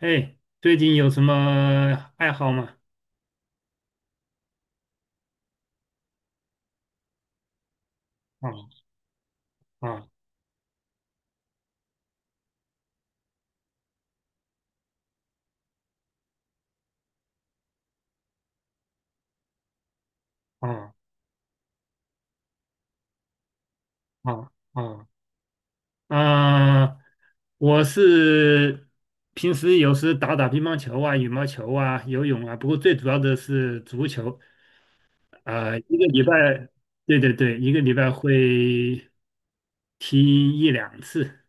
哎，最近有什么爱好吗？啊啊啊啊啊！啊！我是平时有时打打乒乓球啊、羽毛球啊、游泳啊，不过最主要的是足球。啊、一个礼拜，对对对，一个礼拜会踢一两次。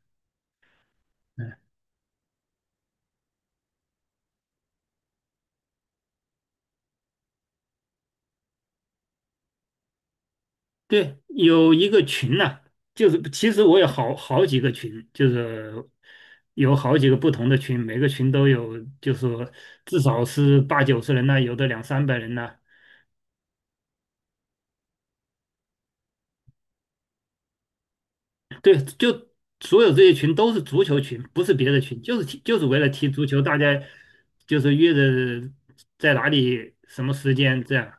对，有一个群呐、就是其实我有好几个群，就是有好几个不同的群，每个群都有，就是说至少是八九十人呐、有的两三百人呐、对，就所有这些群都是足球群，不是别的群，就是踢就是为了踢足球，大家就是约着在哪里什么时间这样。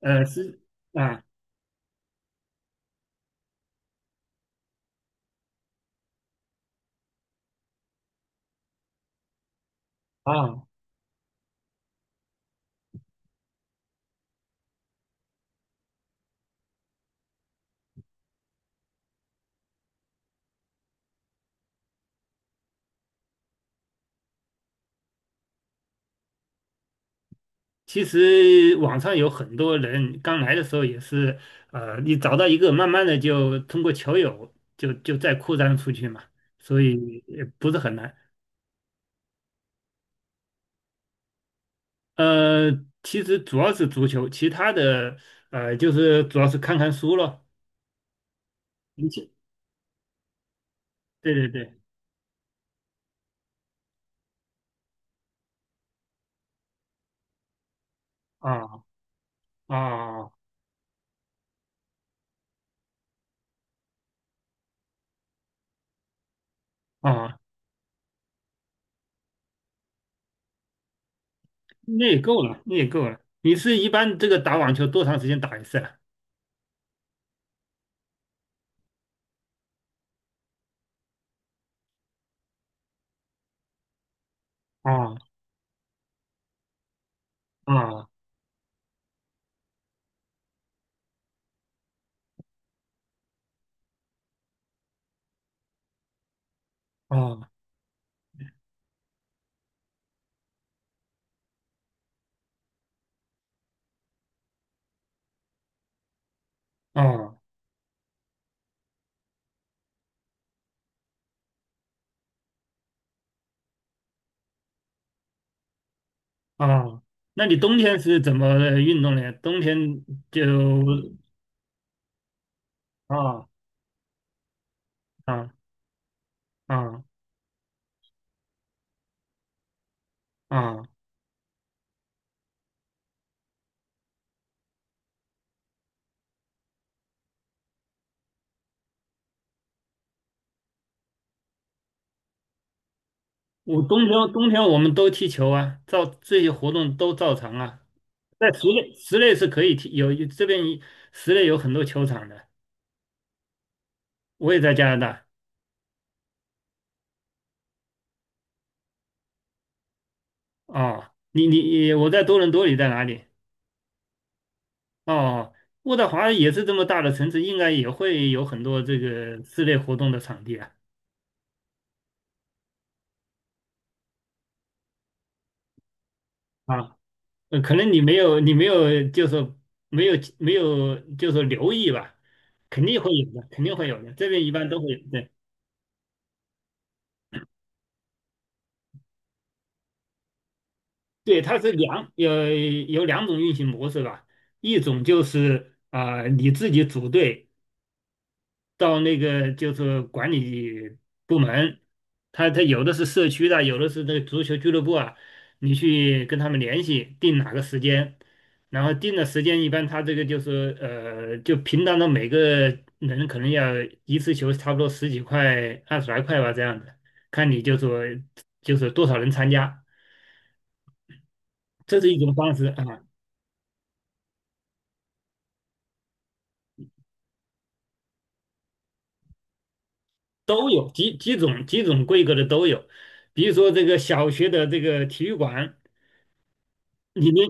是啊啊，其实网上有很多人刚来的时候也是，你找到一个，慢慢的就通过球友就再扩张出去嘛，所以也不是很难。呃，其实主要是足球，其他的就是主要是看看书咯。你去，对对对，啊啊啊，那也够了，那也够了。你是一般这个打网球多长时间打一次啊？啊啊啊啊！啊，那你冬天是怎么运动呢？冬天就啊啊啊啊，我冬天我们都踢球啊，照这些活动都照常啊。在室内是可以踢，有这边室内有很多球场的。我也在加拿大啊，你，我在多伦多，你在哪里？哦，渥太华也是这么大的城市，应该也会有很多这个室内活动的场地啊啊。可能你没有，你没有，就是说没有，没有，就是说留意吧，肯定会有的，肯定会有的。这边一般都会有，对，对，它是有两种运行模式吧，一种就是啊、你自己组队，到那个就是管理部门，他有的是社区的，有的是那个足球俱乐部啊，你去跟他们联系，定哪个时间，然后定的时间一般他这个就是就平常的每个人可能要一次球差不多十几块、二十来块吧这样子，看你就说就是多少人参加，这是一种方式啊，都有几种规格的都有，比如说这个小学的这个体育馆。里面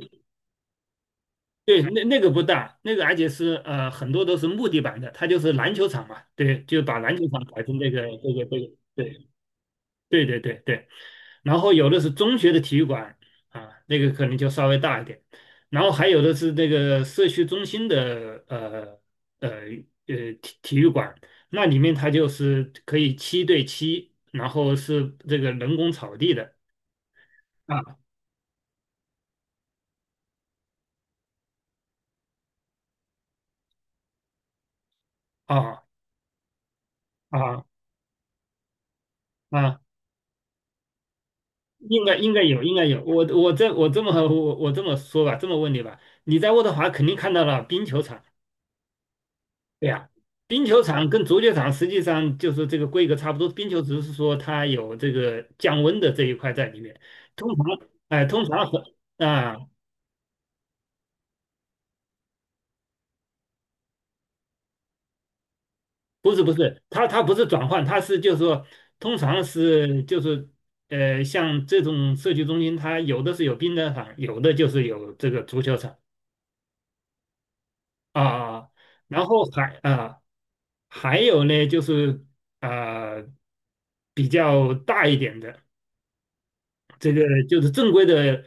对，那个不大，那个而且是很多都是木地板的，它就是篮球场嘛，对，就把篮球场改成这个，对对对对对。然后有的是中学的体育馆啊，那个可能就稍微大一点，然后还有的是那个社区中心的呃体育馆，那里面它就是可以七对七，然后是这个人工草地的啊啊啊啊。应该有，应该有。我这么说吧，这么问你吧，你在渥太华肯定看到了冰球场，对呀、冰球场跟足球场实际上就是这个规格差不多，冰球只是说它有这个降温的这一块在里面。通常，哎、通常很啊、不是不是，它不是转换，它是就是说，通常是就是，像这种社区中心，它有的是有冰的场，有的就是有这个足球场啊。然后还啊、还有呢，就是呃比较大一点的，这个就是正规的，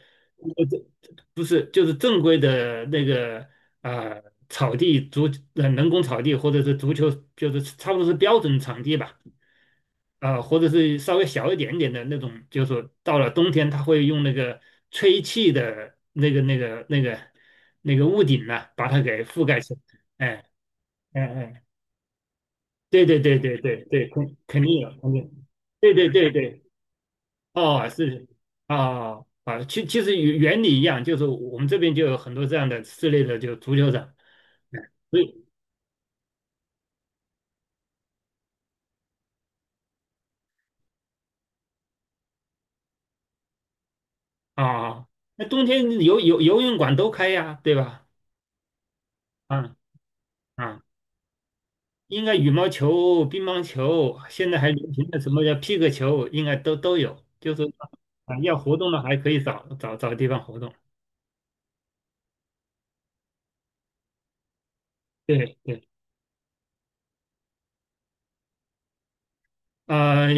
这不是就是正规的那个呃草地足人工草地或者是足球，就是差不多是标准场地吧，或者是稍微小一点点的那种，就是说到了冬天，它会用那个吹气的那个屋顶呢、把它给覆盖起来，哎嗯嗯。哎对对对对对对，肯定有，肯定，对对对对，哦，是啊啊，其实原理一样，就是我们这边就有很多这样的室内的就足球场，嗯所以啊，那冬天游泳馆都开呀，对吧？嗯嗯，应该羽毛球、乒乓球，现在还流行的什么叫皮克球，应该都有，就是啊，要活动的还可以找地方活动，对对。呃，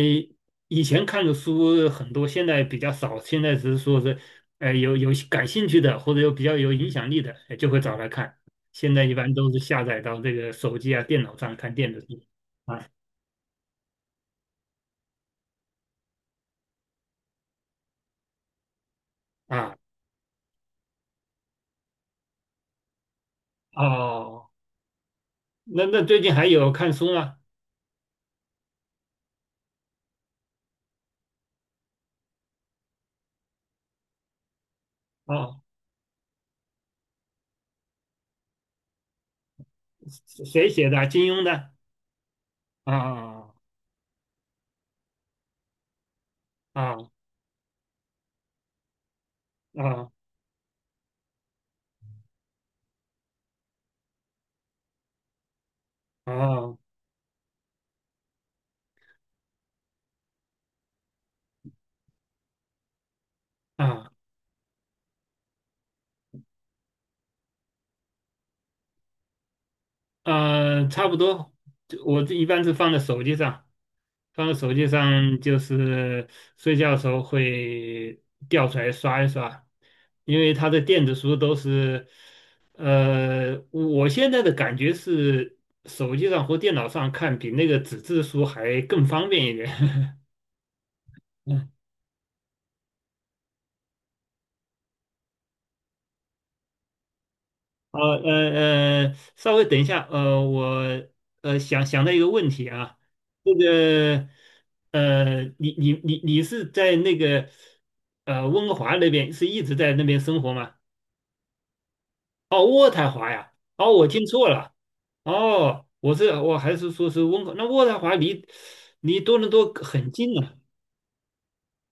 以前看的书很多，现在比较少。现在只是说是，有感兴趣的或者有比较有影响力的，就会找来看。现在一般都是下载到这个手机啊、电脑上看电子书。啊啊哦，那最近还有看书吗？哦，谁写的啊金庸的？啊啊啊啊啊！差不多，就我这一般是放在手机上，放在手机上就是睡觉的时候会调出来刷一刷，因为它的电子书都是，我现在的感觉是手机上或电脑上看比那个纸质书还更方便一点。好，稍微等一下，我想到一个问题啊，这个你是在那个温哥华那边是一直在那边生活吗？哦，渥太华呀，哦，我听错了，哦，我还是说是温哥，那渥太华离多伦多很近呢。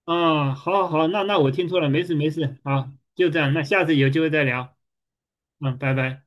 啊，好好好，那我听错了，没事没事，啊，就这样，那下次有机会再聊，嗯，拜拜。